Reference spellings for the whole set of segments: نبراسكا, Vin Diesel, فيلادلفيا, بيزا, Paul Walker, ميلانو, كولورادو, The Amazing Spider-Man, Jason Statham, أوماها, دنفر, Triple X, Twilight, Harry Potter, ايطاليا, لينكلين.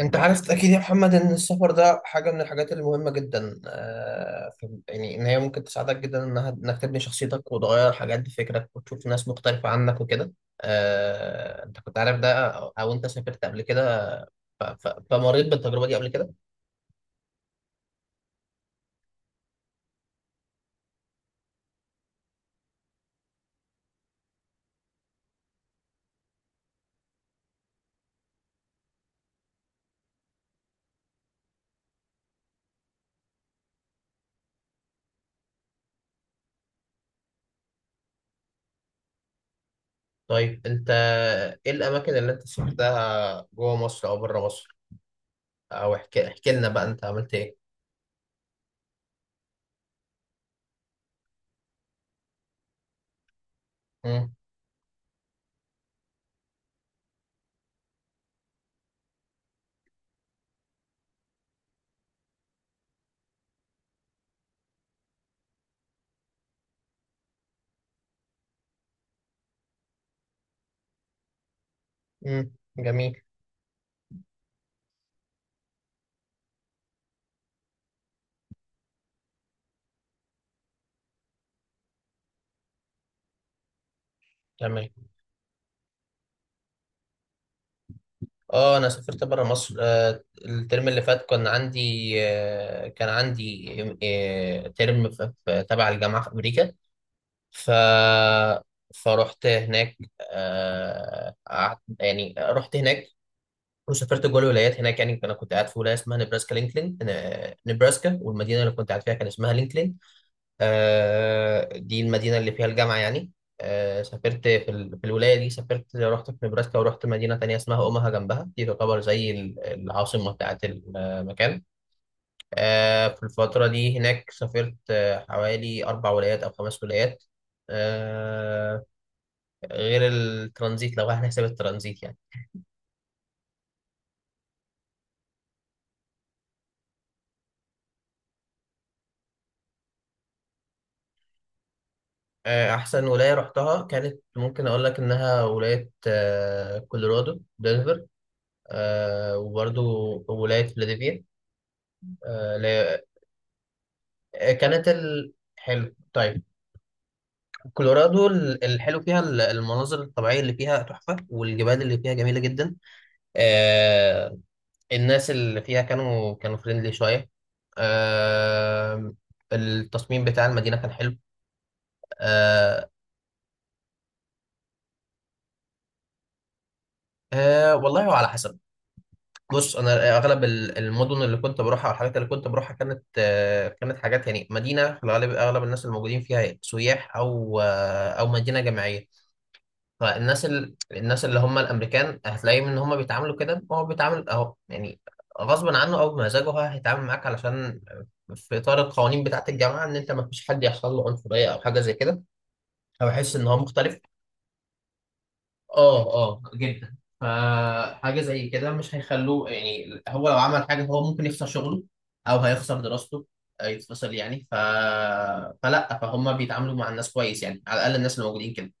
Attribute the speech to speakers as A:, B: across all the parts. A: انت عرفت اكيد يا محمد ان السفر ده حاجه من الحاجات المهمه جدا، يعني ان هي ممكن تساعدك جدا انها انك تبني شخصيتك وتغير حاجات بفكرك وتشوف ناس مختلفه عنك وكده. انت كنت عارف ده او انت سافرت قبل كده؟ فمريت بالتجربه دي قبل كده. طيب انت، ايه الاماكن اللي انت سافرتها جوه مصر او بره مصر؟ او احكي احكي لنا بقى انت عملت ايه. امم، امم. جميل. تمام. اه، انا سافرت بره مصر. الترم اللي فات كان عندي ترم تبع الجامعه في امريكا. ف فرحت هناك. قعدت يعني رحت هناك وسافرت جوه الولايات هناك. يعني انا كنت قاعد في ولايه اسمها نبراسكا، لينكلين. نبراسكا والمدينه اللي كنت قاعد فيها كان اسمها لينكلين. دي المدينة اللي فيها الجامعة يعني. سافرت في الولاية دي، سافرت رحت في نبراسكا ورحت مدينة تانية اسمها أوماها جنبها. دي تعتبر زي العاصمة بتاعت المكان. في الفترة دي هناك سافرت حوالي أربع ولايات أو خمس ولايات. آه، غير الترانزيت، لو احنا حساب الترانزيت يعني. أحسن ولاية رحتها، كانت ممكن أقول لك إنها ولاية كولورادو، دنفر. وبرضو ولاية فيلادلفيا. كانت حلو، طيب. كولورادو، الحلو فيها المناظر الطبيعية اللي فيها تحفة، والجبال اللي فيها جميلة جدا. آه... الناس اللي فيها كانوا فريندلي شوية. آه... التصميم بتاع المدينة كان حلو. آه... والله، وعلى حسب. بص، انا اغلب المدن اللي كنت بروحها والحاجات اللي كنت بروحها كانت حاجات يعني مدينة، في الغالب اغلب الناس الموجودين فيها سياح، او مدينة جامعية. فالناس الناس اللي هم الامريكان هتلاقيهم ان هم بيتعاملوا كده، هو بيتعامل اهو يعني، غصب عنه او بمزاجه هو هيتعامل معاك، علشان في اطار القوانين بتاعه الجامعه ان انت ما فيش حد يحصل له عنصريه او حاجه زي كده، او يحس ان هو مختلف. اه، اه، جدا. فحاجه زي كده مش هيخلوه. يعني هو لو عمل حاجه هو ممكن يخسر شغله، او هيخسر دراسته. يتفصل يعني. فلا، فهم بيتعاملوا مع الناس كويس يعني، على الاقل الناس اللي موجودين كده.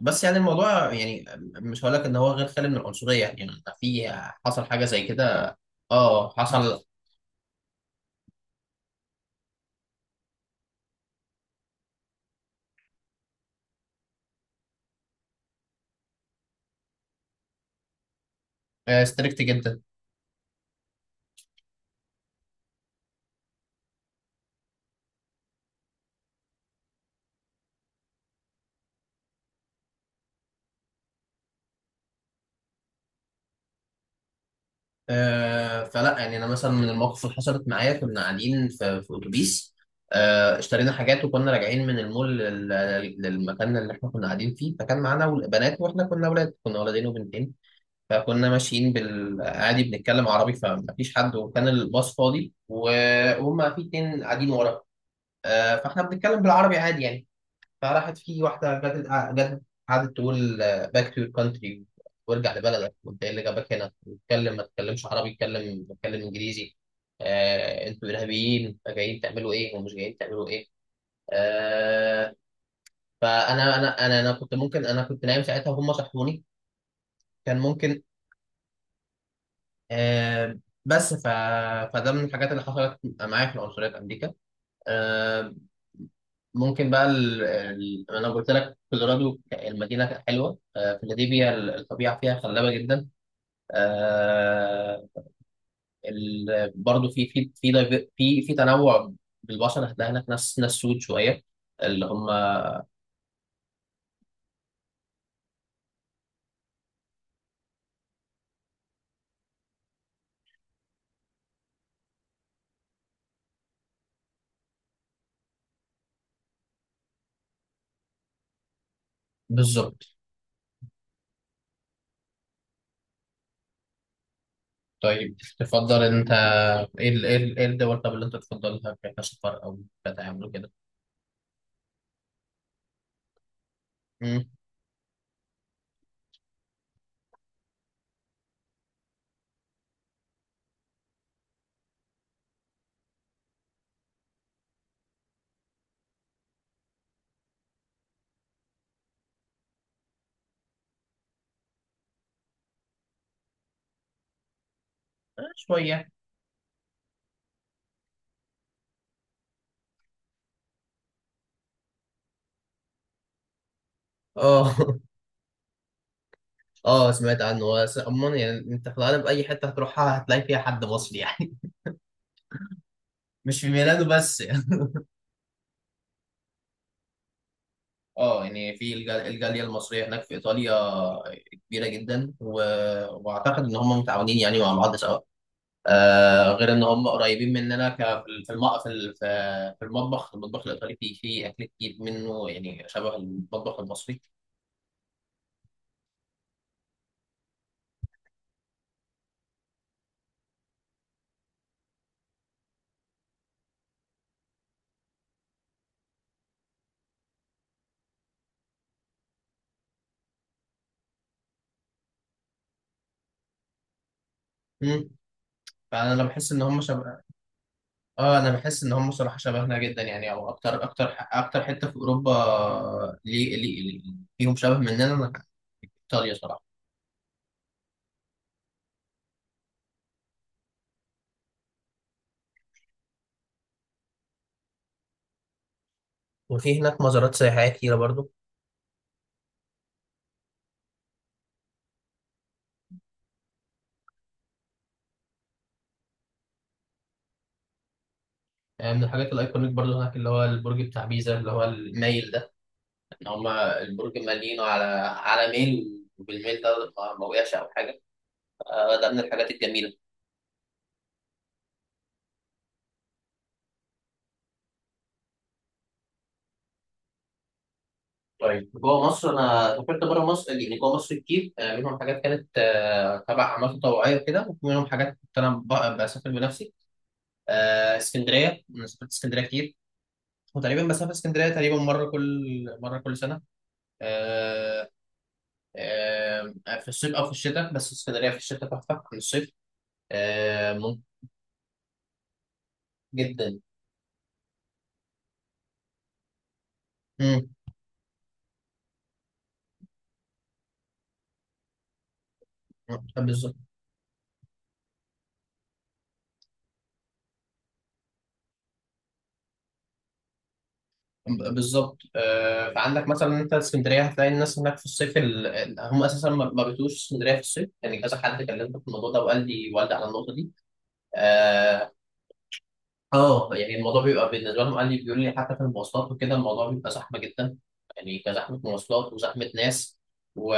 A: بس يعني الموضوع يعني، مش هقول لك ان هو غير خالي من العنصريه يعني، في، حصل حاجه زي كده. اه، حصل. ستريكت جدا. فلا يعني انا مثلا، من المواقف اللي حصلت معايا، كنا قاعدين في اتوبيس. اشترينا حاجات وكنا راجعين من المول للمكان اللي احنا كنا قاعدين فيه. فكان معانا بنات واحنا كنا اولاد، كنا ولدين وبنتين. فكنا ماشيين بالعادي بنتكلم عربي، فمفيش حد، وكان الباص فاضي، وهم في اتنين قاعدين ورا. فاحنا بنتكلم بالعربي عادي يعني. فراحت في واحدة جت قعدت تقول: باك تو يور كانتري، وارجع لبلدك، وانت ايه اللي جابك هنا، واتكلم، ما تتكلمش عربي، اتكلم اتكلم انجليزي. آه، انتوا ارهابيين! جايين تعملوا ايه، ومش جايين تعملوا ايه. آه فانا، انا انا انا كنت ممكن، انا كنت نايم ساعتها وهم صحوني. كان ممكن. آه بس فده من الحاجات اللي حصلت معايا في العنصرية في امريكا. Uh, ممكن بقى، انا قلت لك كولورادو المدينه حلوه. فيلادلفيا الطبيعه فيها خلابه جدا. آه، برضو في في في دايف- في في تنوع بالبشر. هتلاقي هناك ناس سود شويه اللي هم. بالظبط. طيب، تفضل انت، ايه الدول طب اللي انت تفضلها كسفر او كتعامل كده؟ مم. شويه. اه. اه سمعت عنه، بس عموما يعني انت في الغالب اي حته هتروحها هتلاقي فيها حد مصري يعني. مش في ميلانو بس. اه يعني الجاليه المصريه هناك في ايطاليا كبيره جدا، واعتقد ان هم متعاونين يعني مع بعض سوا. غير ان هم قريبين مننا في الم... في ال- في في المطبخ الايطالي فيه اكل كتير منه، يعني شبه المطبخ المصري. امم. فانا بحس ان هم شبه. اه، انا بحس ان هم صراحه شبهنا جدا يعني، او اكتر اكتر اكتر حته في اوروبا. فيهم شبه مننا. ايطاليا صراحه. وفي هناك مزارات سياحيه كتيره برضو، يعني من الحاجات الأيكونيك برضو هناك، اللي هو البرج بتاع بيزا اللي هو المايل ده. إن هما البرج مالينه على ميل، وبالميل ده ما وقعش أو حاجة. ده من الحاجات الجميلة. طيب جوه مصر، أنا سافرت بره مصر يعني، جوه مصر كتير. منهم حاجات كانت تبع أعمال تطوعية وكده، ومنهم حاجات كنت أنا بسافر بنفسي. اسكندرية، أنا سافرت اسكندرية كتير، وتقريبا بسافر اسكندرية تقريبا مرة كل سنة. آه، آه، في الصيف أو في الشتاء، بس اسكندرية في الشتاء تحفة عن الصيف. ممكن جدا. مم. بالظبط. بالظبط. فعندك مثلا انت اسكندريه، هتلاقي الناس هناك في الصيف، هم اساسا ما بيتوش اسكندريه في الصيف يعني، كذا حد كلمت في الموضوع ده، وقال لي والدي على النقطه دي. آه، اه، يعني الموضوع بيبقى بالنسبه لهم، قال لي، بيقول لي حتى في المواصلات وكده الموضوع بيبقى زحمه جدا، يعني كزحمه مواصلات وزحمه ناس. و...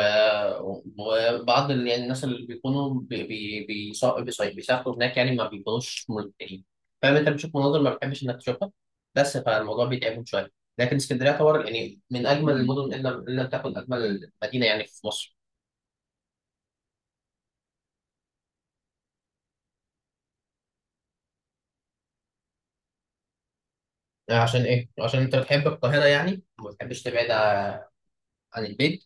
A: وبعض يعني الناس اللي بيكونوا بيسافروا هناك يعني ما بيكونوش مرتاحين. فاهم، انت بتشوف مناظر ما بتحبش انك تشوفها، بس فالموضوع بيتعبهم شويه. لكن اسكندريه تعتبر يعني من اجمل المدن، الا تكون اجمل مدينه يعني في مصر. عشان ايه؟ عشان انت بتحب القاهره يعني وما بتحبش تبعد عن البيت.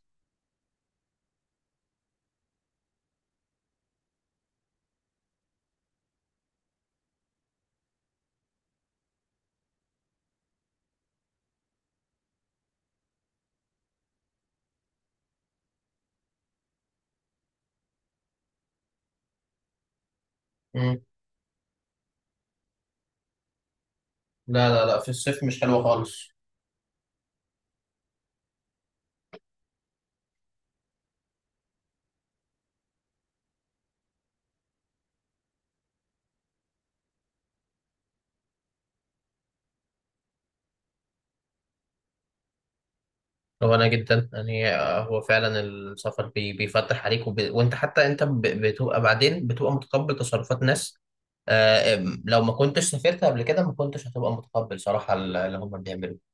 A: مم. لا، لا، لا، في الصيف مش حلوة خالص. هو انا جدا يعني، هو فعلا السفر بيفتح عليك، وانت حتى انت بتبقى، بعدين بتبقى متقبل تصرفات ناس. آه، لو ما كنتش سافرت قبل كده، ما كنتش هتبقى متقبل صراحة اللي هم بيعملوا.